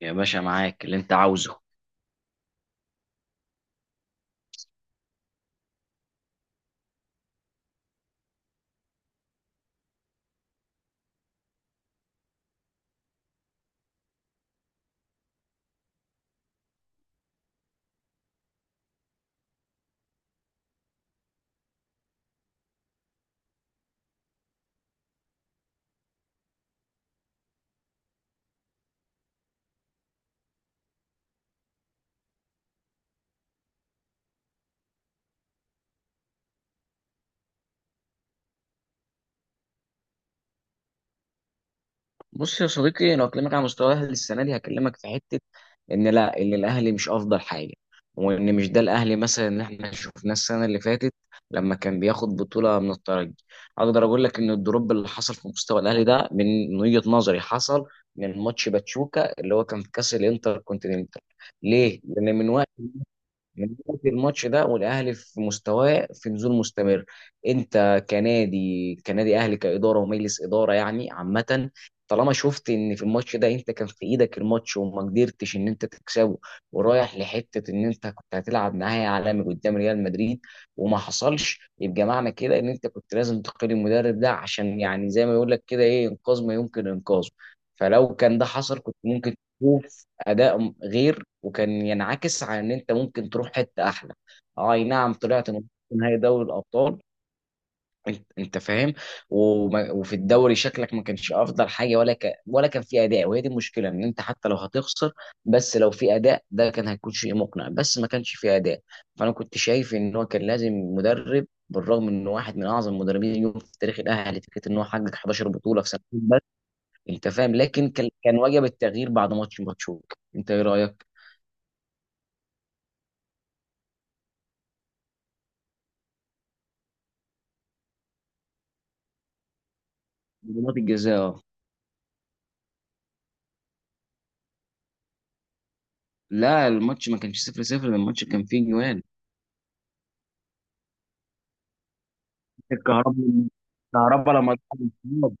يا باشا معاك اللي انت عاوزه. بص يا صديقي، انا هكلمك على مستوى الاهلي السنه دي. هكلمك في حته ان لا، ان الاهلي مش افضل حاجه، وان مش ده الاهلي مثلا اللي احنا شفناه السنه اللي فاتت لما كان بياخد بطوله من الترجي. اقدر اقول لك ان الدروب اللي حصل في مستوى الاهلي ده من وجهه نظري حصل من ماتش باتشوكا اللي هو كان في كاس الانتر كونتيننتال. ليه؟ لان من وقت، من ناحية الماتش ده والاهلي في مستواه في نزول مستمر. انت كنادي اهلي، كاداره ومجلس اداره يعني عامه، طالما شفت ان في الماتش ده انت كان في ايدك الماتش وما قدرتش ان انت تكسبه، ورايح لحته ان انت كنت هتلعب نهائي عالمي قدام ريال مدريد وما حصلش، يبقى معنى كده ان انت كنت لازم تقيل المدرب ده، عشان يعني زي ما يقول لك كده ايه، انقاذ ما يمكن انقاذه. فلو كان ده حصل كنت ممكن اداء غير وكان ينعكس على ان انت ممكن تروح حته احلى. اي نعم، طلعت من نهائي دوري الابطال، انت فاهم. وفي الدوري شكلك ما كانش افضل حاجه، ولا كان في اداء، وهي دي المشكله ان انت حتى لو هتخسر بس لو في اداء، ده كان هيكون شيء مقنع، بس ما كانش في اداء. فانا كنت شايف ان هو كان لازم مدرب، بالرغم انه واحد من اعظم المدربين اليوم في تاريخ الاهلي، فكره ان هو حقق 11 بطوله في سنتين بس، انت فاهم. لكن كان وجب التغيير بعد ماتش ماتشوك. انت ايه رايك؟ ضربات الجزاء اه. لا، الماتش ما كانش 0-0، ده الماتش كان فيه جوان. الكهرباء. الكهرباء لما اتحط، الانفراد.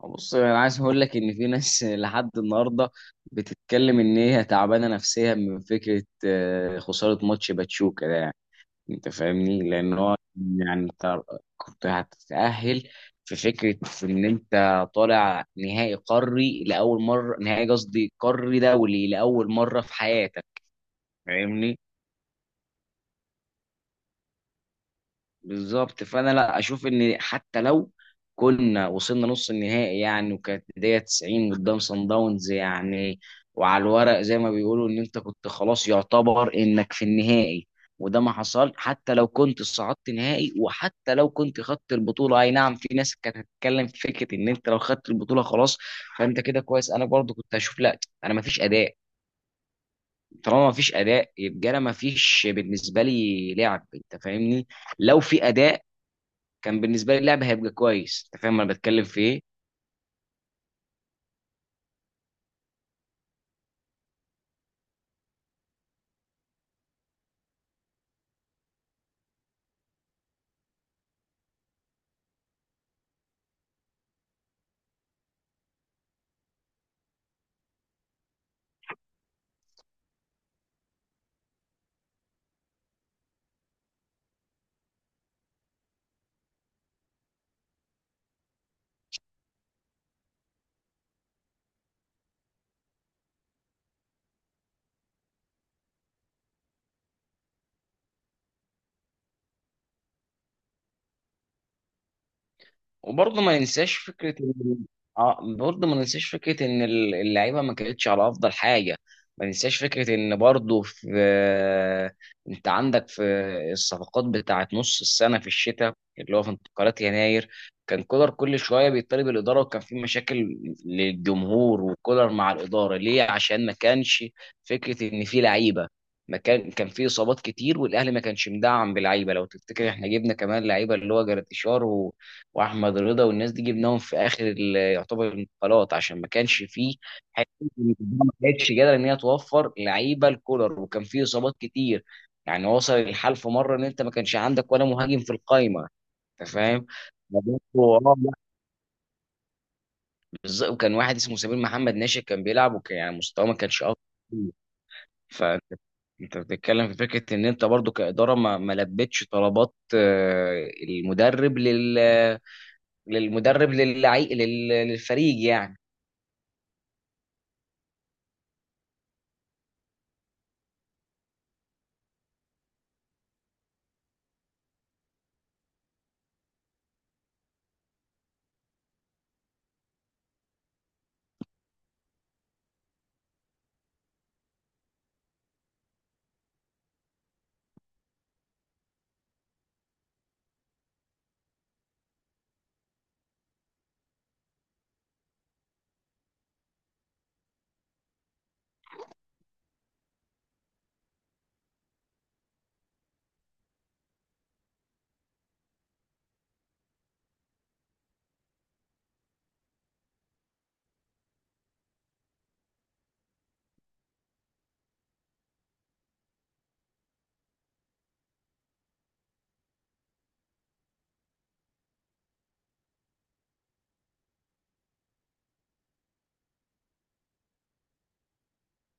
بص، انا عايز اقول لك ان في ناس لحد النهارده بتتكلم ان هي تعبانه نفسيا من فكره خساره ماتش باتشوكا ده، يعني انت فاهمني. لان هو يعني انت كنت هتتاهل، في فكره ان انت طالع نهائي قاري لاول مره، نهائي قصدي قاري دولي لاول مره في حياتك، فاهمني. بالظبط، فانا لا اشوف ان حتى لو كنا وصلنا نص النهائي يعني، وكانت بدايه 90 قدام صن داونز يعني، وعلى الورق زي ما بيقولوا ان انت كنت خلاص يعتبر انك في النهائي، وده ما حصل. حتى لو كنت صعدت نهائي وحتى لو كنت خدت البطوله، اي نعم في ناس كانت هتتكلم في فكره ان انت لو خدت البطوله خلاص. فانت كده كويس، انا برضو كنت هشوف لا، انا ما فيش اداء. طالما ما فيش اداء، يبقى انا ما فيش بالنسبه لي لعب، انت فاهمني. لو في اداء، كان بالنسبه لي اللعب هيبقى كويس. انت فاهم انا بتكلم في ايه؟ وبرضه ما ننساش فكره اه، برضه ما ننساش فكره ان اللعيبه ما كانتش على افضل حاجه. ما ننساش فكره ان برضه في، انت عندك في الصفقات بتاعت نص السنه في الشتاء اللي هو في انتقالات يناير، كان كولر كل شويه بيطالب الاداره، وكان في مشاكل للجمهور وكولر مع الاداره، ليه؟ عشان ما كانش فكره ان في لعيبه. ما كان، كان في اصابات كتير والاهلي ما كانش مدعم بلعيبه. لو تفتكر احنا جبنا كمان لعيبه اللي هو جراتيشار واحمد رضا والناس دي، جبناهم في اخر يعتبر الانتقالات، عشان ما كانش فيه حته إن الجماعة ما كانتش قادره ان هي توفر لعيبه الكولر، وكان فيه اصابات كتير. يعني وصل الحال في مره ان انت ما كانش عندك ولا مهاجم في القايمه، انت فاهم؟ فبرضه آه، لا، بالظبط. وكان واحد اسمه سمير محمد ناشئ كان بيلعب، وكان يعني مستواه ما كانش افضل كتير. فانت، انت بتتكلم في فكره ان انت برضو كاداره ما لبتش طلبات المدرب، لل للمدرب للعي... لل- للفريق يعني.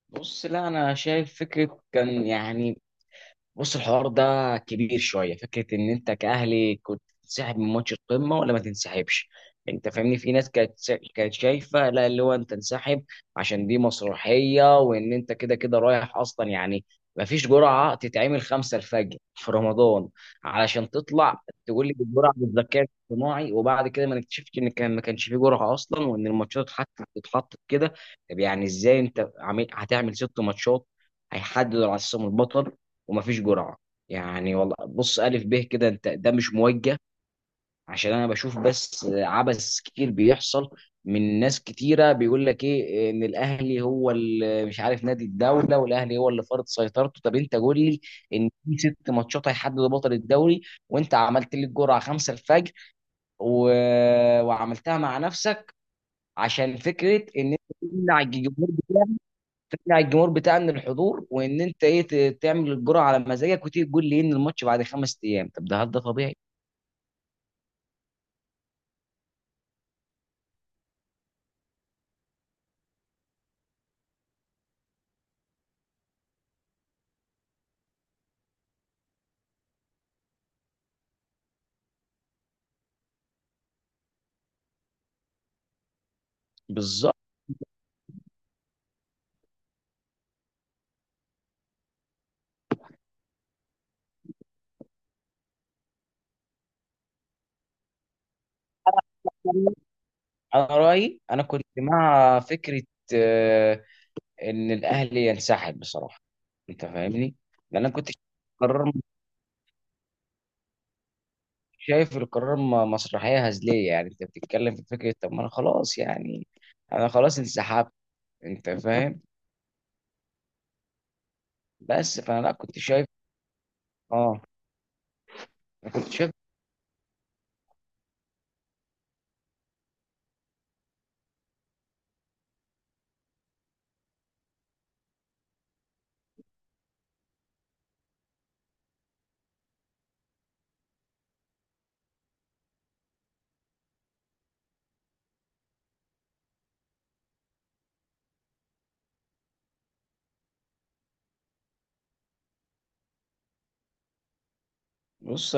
بص، لا انا شايف فكره كان يعني، بص الحوار ده كبير شويه. فكره ان انت كاهلي كنت تنسحب من ماتش القمه ولا ما تنسحبش، يعني انت فاهمني. في ناس كانت كانت شايفه لا، اللي هو انت انسحب عشان دي مسرحيه، وان انت كده كده رايح اصلا يعني. ما فيش جرعه تتعمل خمسة الفجر في رمضان علشان تطلع تقول لي الجرعه بالذكاء الاصطناعي، وبعد كده ما نكتشفش ان كان ما كانش في جرعه اصلا، وان الماتشات حتى بتتحط كده. طب يعني ازاي انت عامل هتعمل ست ماتشات هيحددوا على اساسهم البطل ومفيش جرعه؟ يعني والله بص، الف ب كده انت، ده مش موجه، عشان انا بشوف بس عبث كتير بيحصل من ناس كتيره، بيقول لك ايه، ان الاهلي هو اللي مش عارف نادي الدوله، والاهلي هو اللي فرض سيطرته. طب انت قول لي ان في ست ماتشات هيحددوا بطل الدوري، وانت عملت لي الجرعه 5 الفجر و... وعملتها مع نفسك عشان فكره ان انت تمنع الجمهور، على الجمهور بتاع ان الحضور، وان انت ايه، تعمل الجرعه على مزاجك وتيجي تقول لي إيه ان الماتش بعد خمس ايام. طب ده هل ده طبيعي؟ بالظبط. انا رايي، انا كنت مع فكره آه، ان الاهلي ينسحب بصراحه، انت فاهمني. لان انا كنت قرار، شايف القرار مسرحيه هزليه يعني. انت بتتكلم في فكره، طب ما انا خلاص يعني، انا خلاص انسحبت، انت فاهم. بس فانا لا كنت شايف، اه انا كنت شايف. بص،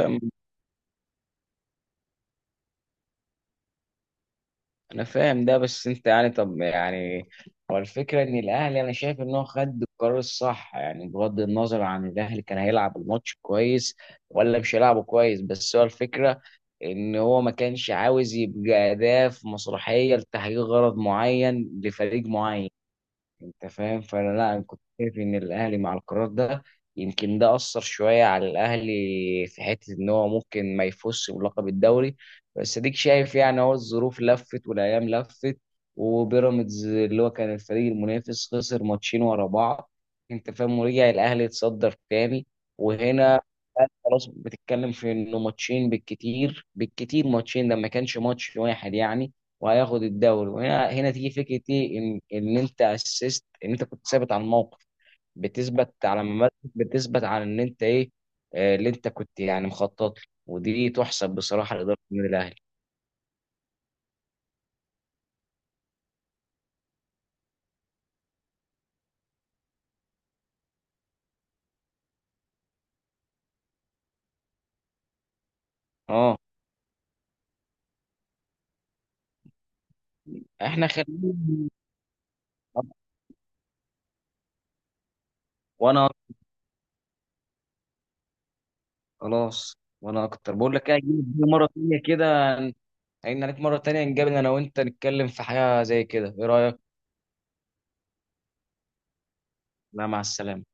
انا فاهم ده، بس انت يعني طب يعني، هو الفكره ان الاهلي انا شايف ان هو خد القرار الصح، يعني بغض النظر عن الاهلي كان هيلعب الماتش كويس ولا مش هيلعبه كويس، بس هو الفكره ان هو ما كانش عاوز يبقى اداه في مسرحيه لتحقيق غرض معين لفريق معين، انت فاهم. فانا لا، انا كنت شايف ان الاهلي مع القرار ده. يمكن ده اثر شويه على الاهلي في حته ان هو ممكن ما يفوزش بلقب الدوري، بس اديك شايف يعني هو الظروف لفت والايام لفت، وبيراميدز اللي هو كان الفريق المنافس خسر ماتشين ورا بعض، انت فاهم، ورجع الاهلي يتصدر تاني. وهنا خلاص بتتكلم في انه ماتشين، بالكتير بالكتير ماتشين، ده ما كانش ماتش واحد يعني، وهياخد الدوري. وهنا تيجي فكره ايه، ان انت اسست ان انت كنت ثابت على الموقف، بتثبت على ممارسة، بتثبت على ان انت ايه، اللي انت كنت يعني مخطط له. ودي تحسب بصراحه لاداره النادي الاهلي. اه احنا خلينا، وانا أكتر. خلاص وانا اكتر. بقول لك ايه، هجيلك بيه مره تانيه كده، هين عليك مره تانيه، نقابل انا وانت نتكلم في حاجه زي كده، ايه رايك؟ لا مع السلامه.